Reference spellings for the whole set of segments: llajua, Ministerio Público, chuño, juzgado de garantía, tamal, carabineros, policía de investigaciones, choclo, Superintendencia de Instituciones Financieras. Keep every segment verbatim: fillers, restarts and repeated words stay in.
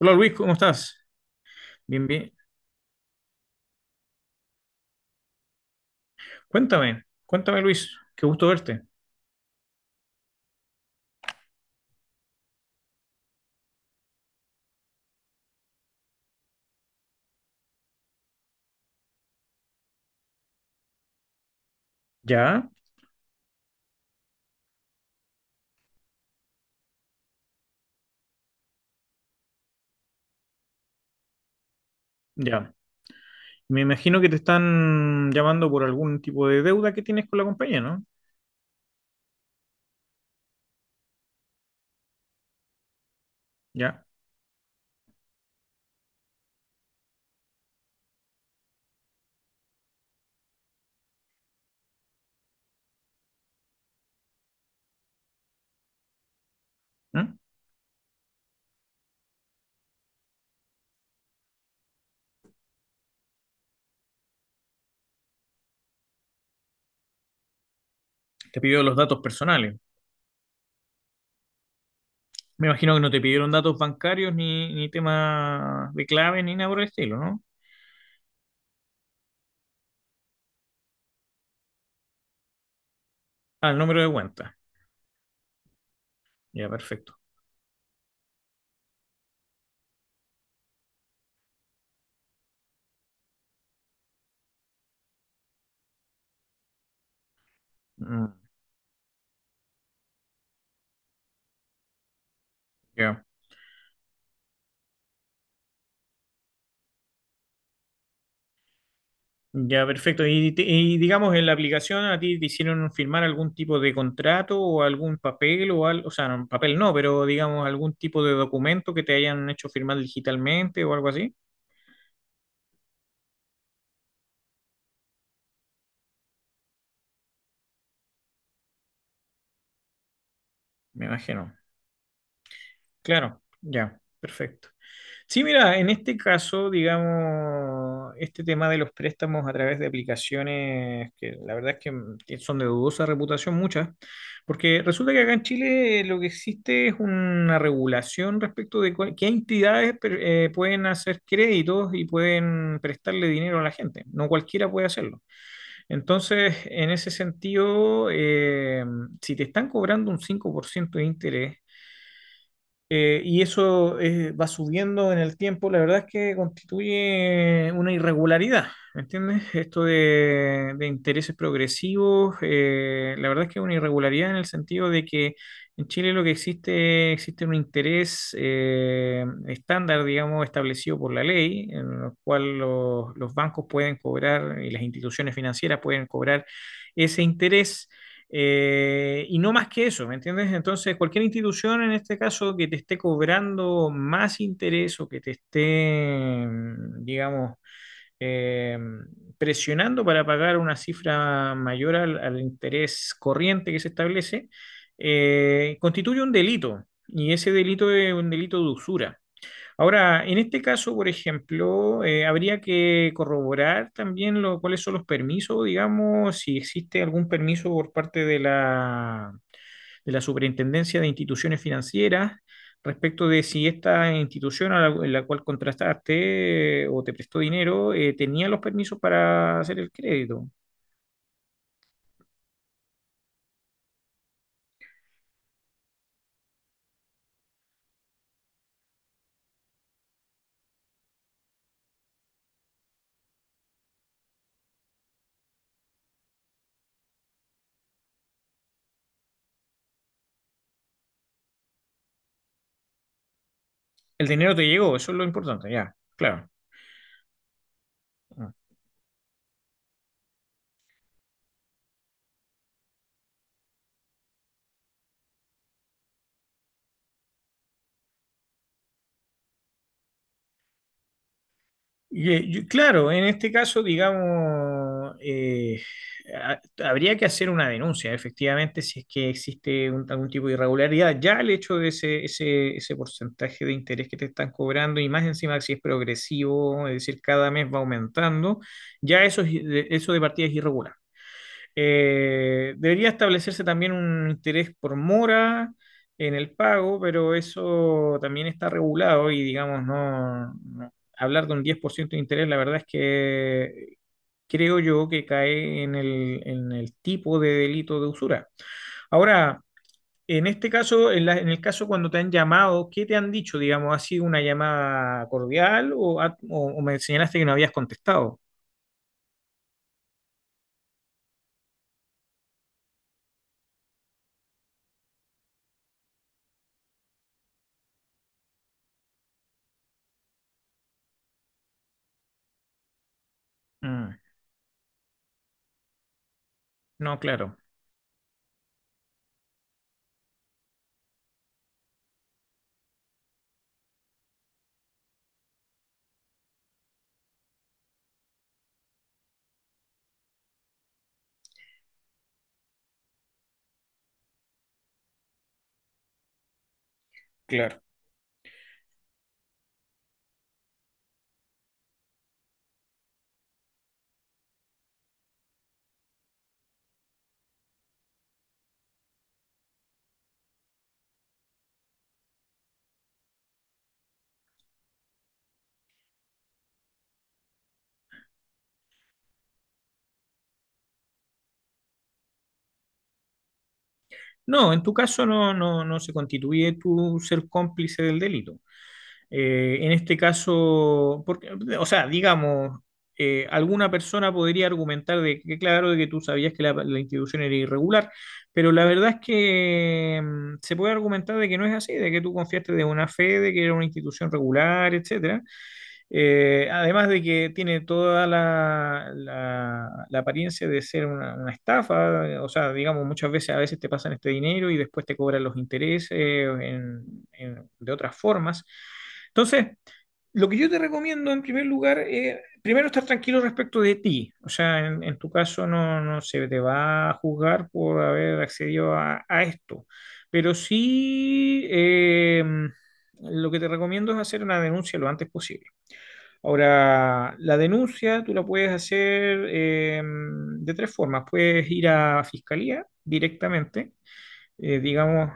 Hola Luis, ¿cómo estás? Bien, bien. Cuéntame, cuéntame Luis, qué gusto verte. Ya, ya. Me imagino que te están llamando por algún tipo de deuda que tienes con la compañía, ¿no? Ya. ¿Mm? Te pidió los datos personales. Me imagino que no te pidieron datos bancarios ni, ni temas de clave ni nada por el estilo, ¿no? Ah, el número de cuenta. Ya, perfecto. Mm, ya. Ya, perfecto. Y, te- y digamos, en la aplicación a ti te hicieron firmar algún tipo de contrato o algún papel o algo, o sea, no, papel no, pero digamos algún tipo de documento que te hayan hecho firmar digitalmente o algo así. Me imagino. Claro, ya, perfecto. Sí, mira, en este caso, digamos, este tema de los préstamos a través de aplicaciones que la verdad es que mm, que son de dudosa reputación muchas, porque resulta que acá en Chile eh, lo que existe es una regulación respecto de cuál- qué entidades per- eh, pueden hacer créditos y pueden prestarle dinero a la gente. No cualquiera puede hacerlo. Entonces, en ese sentido, eh, si te están cobrando un cinco por ciento de interés, eh, y eso eh, va subiendo en el tiempo, la verdad es que constituye una irregularidad, ¿me entiendes? Esto de, de intereses progresivos, eh, la verdad es que es una irregularidad en el sentido de que en Chile lo que existe, existe un interés eh, estándar, digamos, establecido por la ley, en el cual los los bancos pueden cobrar y las instituciones financieras pueden cobrar ese interés eh, y no más que eso, ¿me entiendes? Entonces, cualquier institución en este caso que te esté cobrando más interés o que te esté, mm, digamos, eh, presionando para pagar una cifra mayor al, al interés corriente que se establece, eh, constituye un delito. Y ese delito es un delito de usura. Ahora, en este caso, por ejemplo, eh, habría que corroborar también lo, cuáles son los permisos, digamos, si existe algún permiso por parte de la, de la Superintendencia de Instituciones Financieras respecto de si esta institución a la, en la cual contrataste eh, o te prestó dinero eh, tenía los permisos para hacer el crédito. El dinero te llegó, eso es lo importante, ya, claro. Y, eh, yo- claro, en este caso, digamos, eh, ha- habría que hacer una denuncia, efectivamente, si es que existe un- algún tipo de irregularidad. Ya el hecho de ese, ese, ese porcentaje de interés que te están cobrando, y más encima si es progresivo, es decir, cada mes va aumentando, ya eso, es- eso de partida es irregular. Eh, debería establecerse también un interés por mora en el pago, pero eso también está regulado y digamos, no, no- hablar de un diez por ciento de interés, la verdad es que creo yo que cae en el, en el tipo de delito de usura. Ahora, en este caso, en, la- en el caso cuando te han llamado, ¿qué te han dicho? Digamos, ¿ha sido una llamada cordial o, ha- o- o me señalaste que no habías contestado? Mm, no, claro. Claro. No, en tu caso no, no, no se constituye tu ser cómplice del delito. Eh, en este caso, porque, o sea, digamos, eh, alguna persona podría argumentar de que, claro, de que tú sabías que la, la institución era irregular, pero la verdad es que mm, se puede argumentar de que no es así, de que tú confiaste de buena fe, de que era una institución regular, etcétera. Eh, además de que tiene toda la, la- la apariencia de ser una, una estafa, eh, o sea, digamos, muchas veces a veces te pasan este dinero y después te cobran los intereses en- en- de otras formas. Entonces, lo que yo te recomiendo en primer lugar es, primero, estar tranquilo respecto de ti. O sea, en, en tu caso no, no se te va a juzgar por haber accedido a, a esto, pero sí... eh, lo que te recomiendo es hacer una denuncia lo antes posible. Ahora, la denuncia tú la puedes hacer eh, de tres formas. Puedes ir a fiscalía directamente, eh, digamos,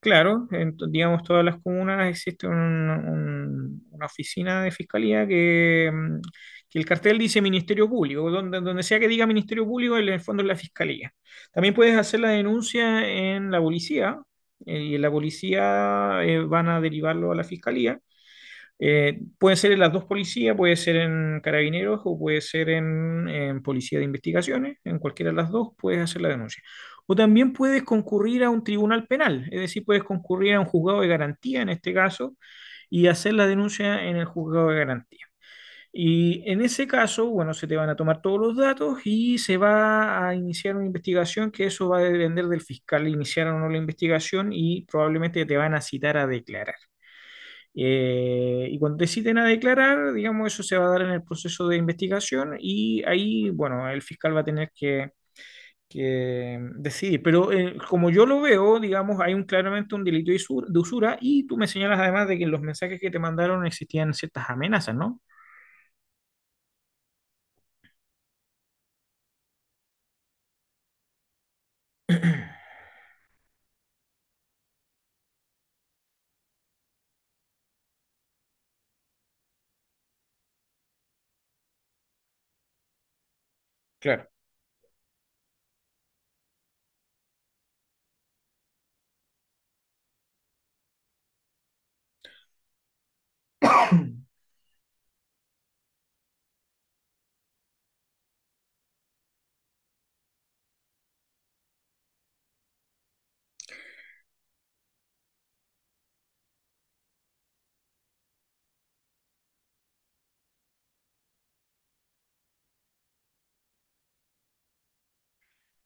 claro, en to- digamos, todas las comunas existe un- un- una oficina de fiscalía que, mm, que el cartel dice Ministerio Público, donde, donde sea que diga Ministerio Público, en el fondo es la fiscalía. También puedes hacer la denuncia en la policía, eh, y en la policía eh, van a derivarlo a la fiscalía. Eh, puede ser en las dos policías, puede ser en carabineros o puede ser en, en policía de investigaciones, en cualquiera de las dos puedes hacer la denuncia. O también puedes concurrir a un tribunal penal, es decir, puedes concurrir a un juzgado de garantía en este caso y hacer la denuncia en el juzgado de garantía. Y en ese caso, bueno, se te van a tomar todos los datos y se va a iniciar una investigación que eso va a depender del fiscal iniciar o no la investigación y probablemente te van a citar a declarar. Eh, y cuando deciden a declarar, digamos, eso se va a dar en el proceso de investigación y ahí, bueno, el fiscal va a tener que, que decidir. Pero eh, como yo lo veo, digamos, hay un, claramente un delito de usur- de usura y tú me señalas además de que en los mensajes que te mandaron existían ciertas amenazas, ¿no? Claro.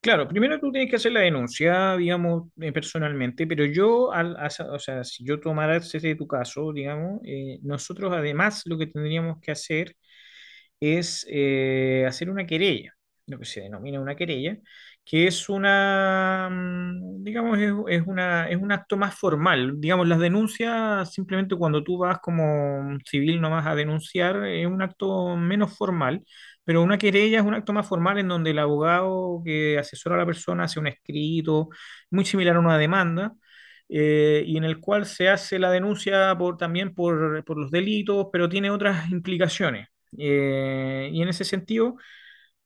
Claro, primero tú tienes que hacer la denuncia, digamos, eh, personalmente, pero yo, al, as- o sea, si yo tomara ese de tu caso, digamos, eh, nosotros además lo que tendríamos que hacer es eh, hacer una querella, lo que se denomina una querella, que es una, mm, digamos, es, es una, es un acto más formal. Digamos, las denuncias, simplemente cuando tú vas como civil nomás a denunciar, es un acto menos formal. Pero una querella es un acto más formal en donde el abogado que asesora a la persona hace un escrito, muy similar a una demanda, eh, y en el cual se hace la denuncia por, también por, por los delitos, pero tiene otras implicaciones. Eh, y en ese sentido,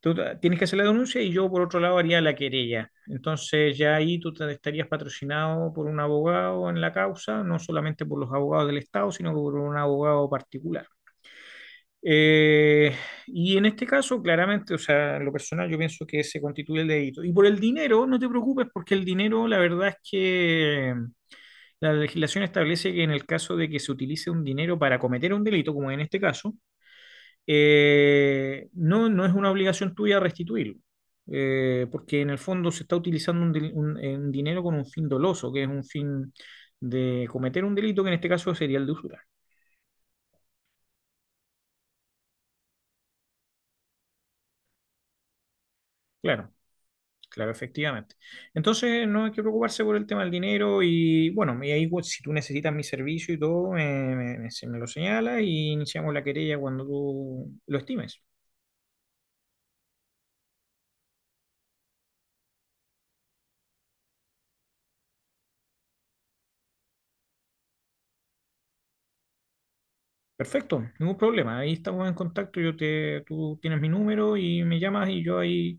tú tienes que hacer la denuncia y yo, por otro lado, haría la querella. Entonces, ya ahí tú te- estarías patrocinado por un abogado en la causa, no solamente por los abogados del Estado, sino por un abogado particular. Eh, y en este caso, claramente, o sea, en lo personal, yo pienso que se constituye el delito. Y por el dinero, no te preocupes, porque el dinero, la verdad es que la legislación establece que en el caso de que se utilice un dinero para cometer un delito, como en este caso, eh, no, no es una obligación tuya restituirlo, eh, porque en el fondo se está utilizando un, di- un- eh, un dinero con un fin doloso, que es un fin de cometer un delito, que en este caso sería el de usura. Claro, claro, efectivamente. Entonces no hay que preocuparse por el tema del dinero y bueno, y ahí pues, si tú necesitas mi servicio y todo, eh, me, me- se me lo señala y iniciamos la querella cuando tú lo estimes. Perfecto, ningún problema. Ahí estamos en contacto. Yo te, tú tienes mi número y me llamas y yo ahí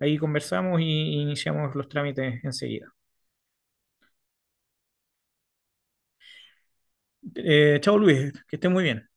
Ahí conversamos y iniciamos los trámites enseguida. Eh, chao Luis, que estés muy bien.